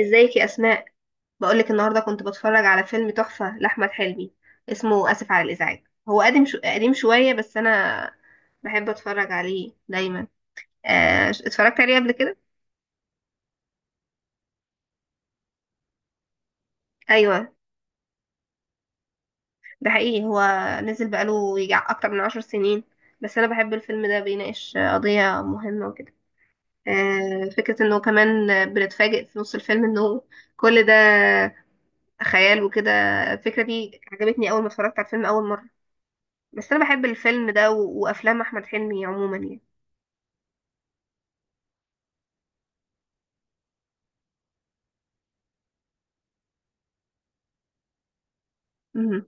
ازيك يا اسماء؟ بقولك النهارده كنت بتفرج على فيلم تحفه لاحمد حلمي، اسمه اسف على الازعاج. هو قديم قديم شويه، بس انا بحب اتفرج عليه دايما. اتفرجت عليه قبل كده. ايوه ده حقيقي، هو نزل بقاله يجي اكتر من عشر سنين، بس انا بحب الفيلم ده، بيناقش قضيه مهمه وكده. فكره انه كمان بنتفاجئ في نص الفيلم انه كل ده خيال وكده. الفكره دي عجبتني اول ما اتفرجت على الفيلم اول مره. بس انا بحب الفيلم ده وافلام احمد حلمي عموما يعني مهم.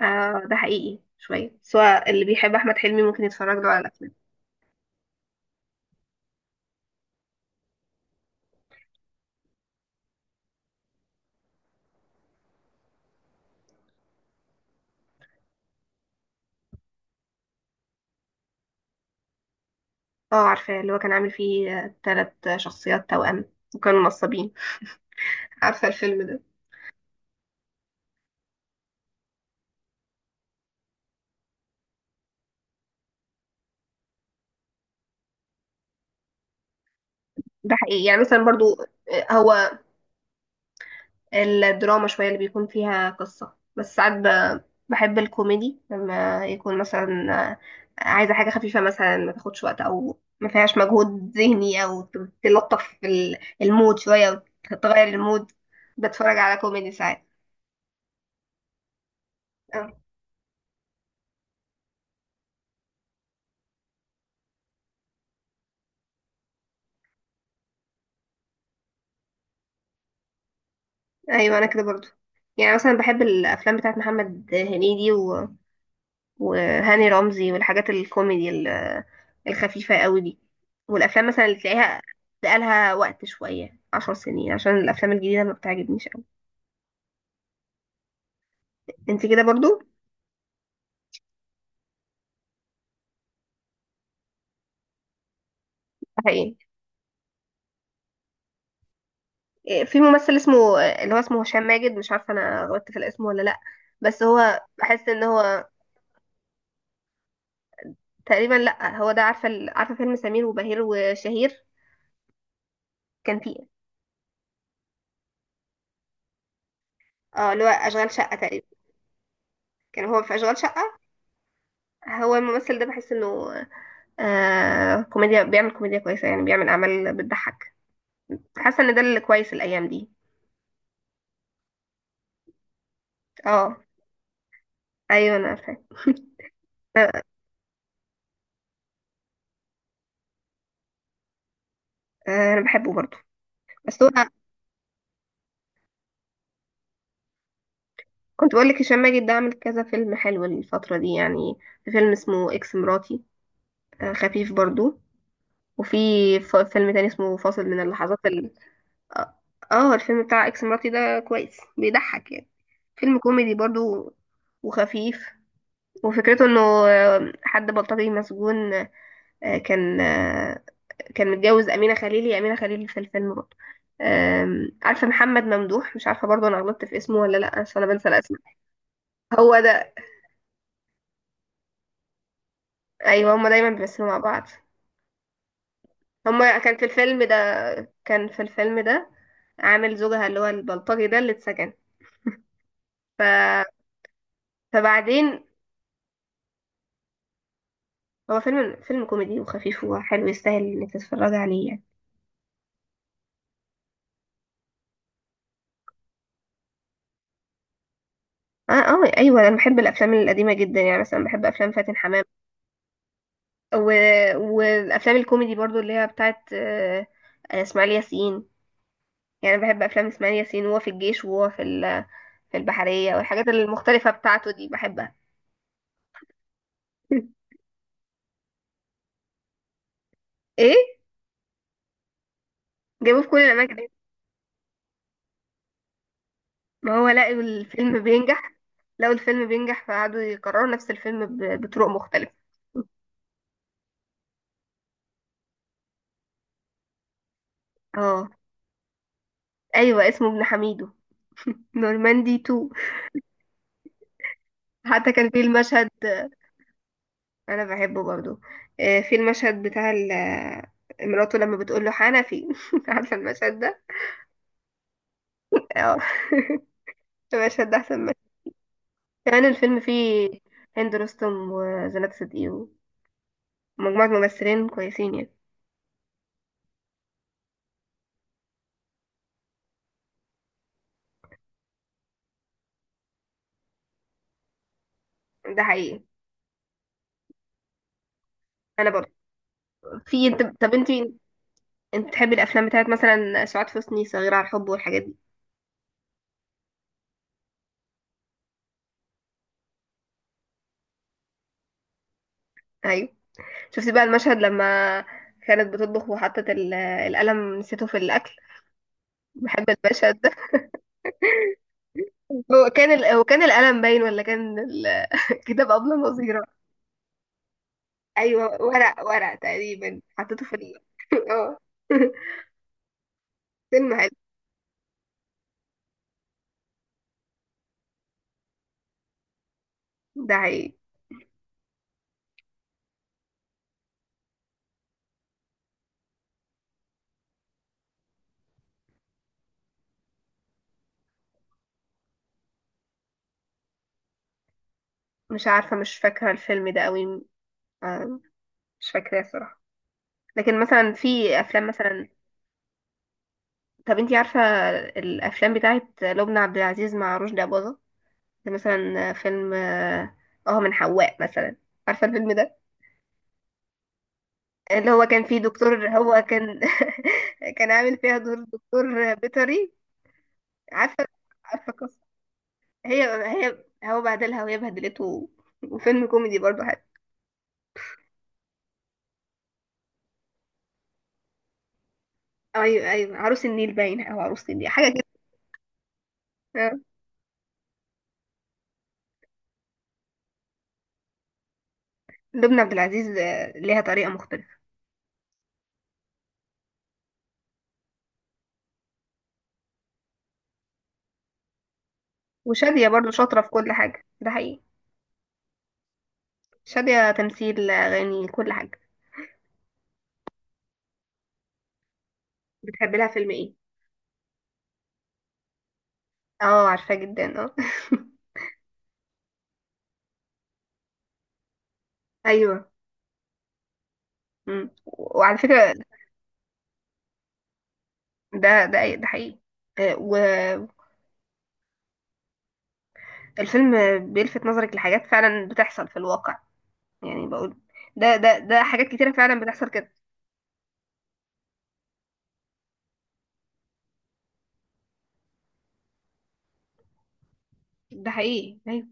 آه ده حقيقي شويه، سواء اللي بيحب احمد حلمي ممكن يتفرج له على الافلام. اه عارفه، اللي هو كان عامل فيه ثلاث شخصيات توأم وكانوا نصابين، عارفه الفيلم ده؟ ده حقيقي يعني مثلا برضو. هو الدراما شوية اللي بيكون فيها قصة، بس ساعات بحب الكوميدي لما يكون مثلا آه، عايزة حاجة خفيفة مثلا، ما تاخدش وقت أو ما فيهاش مجهود ذهني، أو تلطف المود شوية وتغير المود. بتفرج على كوميدي ساعات. آه، أيوة أنا كده برضو، يعني مثلا بحب الأفلام بتاعت محمد هنيدي وهاني رمزي والحاجات الكوميدي الخفيفة قوي دي، والأفلام مثلا اللي تلاقيها بقالها وقت شوية عشر سنين، عشان الأفلام الجديدة ما بتعجبنيش قوي. انت كده برضو؟ صحيح. إيه، في ممثل اسمه، اللي هو اسمه هشام ماجد، مش عارفة أنا غلطت في الاسم ولا لأ، بس هو بحس إن هو تقريبا لأ. هو ده، عارفة عارفة فيلم سمير وبهير وشهير؟ كان فيه. اه، اللي هو أشغال شقة تقريبا، كان هو في أشغال شقة. هو الممثل ده بحس إنه آه كوميديا، بيعمل كوميديا كويسة، يعني بيعمل أعمال بتضحك. حاسة إن ده اللي كويس الأيام دي. اه ايوه انا فاهم. آه، انا بحبه برضه. بس هو، كنت بقول لك هشام ماجد ده عامل كذا فيلم حلو الفتره دي يعني. في فيلم اسمه اكس مراتي، خفيف برضه. وفي فيلم تاني اسمه فاصل من اللحظات ال... اه. الفيلم بتاع اكس مراتي ده كويس، بيضحك يعني. فيلم كوميدي برضه وخفيف. وفكرته انه حد بلطجي مسجون، آه، كان آه، كان متجوز أمينة خليل. هي أمينة خليل في الفيلم برضه. عارفة محمد ممدوح، مش عارفة برضه أنا غلطت في اسمه ولا لأ، عشان أنا بنسى الأسماء. هو ده. أيوه، هما دايما بيمثلوا مع بعض. هما كان في الفيلم ده عامل زوجها، اللي هو البلطجي ده اللي اتسجن. ف... فبعدين هو فيلم، فيلم كوميدي وخفيف وحلو، يستاهل انك تتفرج عليه يعني. اه اه ايوه، انا بحب الافلام القديمه جدا، يعني مثلا بحب افلام فاتن حمام و... والافلام الكوميدي برضو، اللي هي بتاعت اسماعيل ياسين. يعني بحب افلام اسماعيل ياسين، وهو في الجيش، وهو في في البحريه، والحاجات المختلفه بتاعته دي بحبها. ايه. جابوه في كل الاماكن. ما هو لقوا الفيلم بينجح، لقوا الفيلم بينجح فقعدوا يكرروا نفس الفيلم بطرق مختلفه. اه ايوه اسمه ابن حميدو، نورماندي 2. حتى كان في المشهد. انا بحبه برضو. في المشهد بتاع مراته لما بتقول له حنفي. عارفه المشهد ده؟ اه المشهد ده احسن. يعني الفيلم فيه هند رستم وزنات صدقي ومجموعة ممثلين كويسين يعني. ده حقيقي. انا برضه. في، انت، طب انت بتحبي الافلام بتاعت مثلا سعاد حسني، صغيرة على الحب والحاجات دي؟ ايوه. شفتي بقى المشهد لما كانت بتطبخ وحطت القلم، نسيته في الاكل؟ بحب المشهد ده. هو كان القلم باين، ولا كان ال...؟ كتاب ابله نظيره. ايوه ورق، ورق تقريبا، حطيته في ال... اه فيلم حلو. ده حقيقي. مش عارفة، مش فاكرة الفيلم ده قوي. آه، مش فاكراه الصراحة. لكن مثلا في افلام مثلا، طب انتي عارفة الافلام بتاعت لبنى عبد العزيز مع رشدي أباظة؟ زي مثلا فيلم اه، من حواء مثلا، عارفة الفيلم ده؟ اللي هو كان فيه دكتور، هو كان كان عامل فيها دور دكتور بيطري. عارفة، عارفة قصة؟ هي هي هو بهدلها وهي بهدلته، وفيلم كوميدي برضه حلو. ايوه ايوه عروس النيل باين، او عروس النيل حاجة كده. آه. لبنى عبد العزيز ليها طريقة مختلفة. وشادية برضو شاطرة في كل حاجة، ده حقيقي. شادية تمثيل، أغاني، كل حاجة. بتحب لها فيلم ايه؟ اه عارفاه جدا، اه. ايوه. مم. وعلى فكرة ده حقيقي. آه، والفيلم بيلفت نظرك لحاجات فعلا بتحصل في الواقع، يعني بقول ده حاجات كتيرة فعلا بتحصل كده. ده حقيقي ايوه.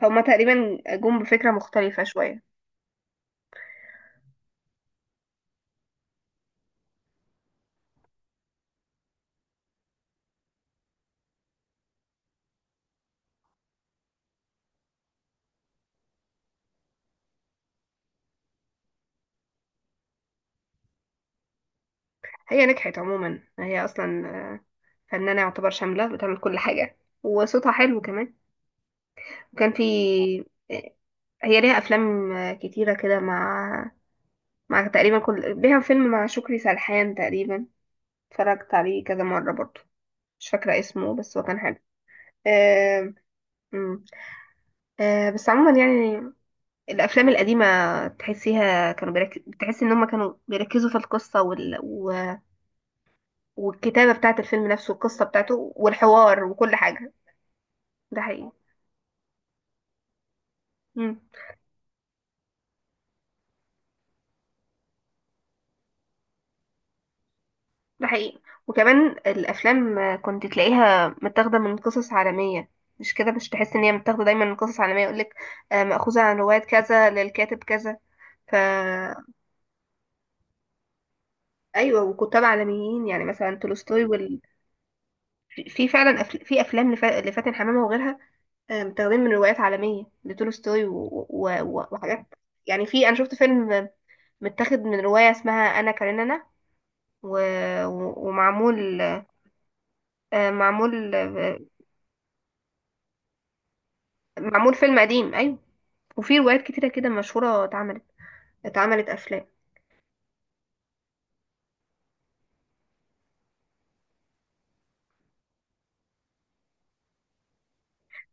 فهما تقريبا جم بفكرة مختلفة شوية. هي نجحت عموما، هي اصلا فنانة يعتبر شاملة، بتعمل كل حاجة، وصوتها حلو كمان. وكان في، هي ليها افلام كتيره كده، مع مع تقريبا كل، ليها فيلم مع شكري سرحان تقريبا، اتفرجت عليه كذا مره برضو. مش فاكره اسمه، بس هو كان حلو. آه... مم. بس عموما يعني الافلام القديمه تحسيها كانوا بتحس ان هم كانوا بيركزوا في القصه والكتابه بتاعه الفيلم نفسه، والقصه بتاعته، والحوار، وكل حاجه. ده حقيقي. ده حقيقي. وكمان الافلام كنت تلاقيها متاخده من قصص عالميه، مش كده؟ مش تحس ان هي متاخده دايما من قصص عالميه، يقولك مأخوذه عن روايه كذا للكاتب كذا. فا ايوه، وكتاب عالميين يعني مثلا تولستوي وال... في فعلا في افلام لفاتن حمامه وغيرها، متاخدين من روايات عالميه لتولستوي وحاجات. يعني في، انا شفت فيلم متاخد من روايه اسمها انا كارينانا و... ومعمول. معمول، معمول فيلم قديم ايوه. وفي روايات كتيرة كده مشهورة اتعملت، اتعملت افلام.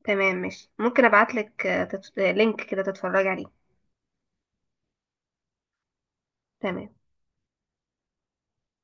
تمام ماشي، ممكن ابعتلك لينك كده تتفرجي عليه. تمام.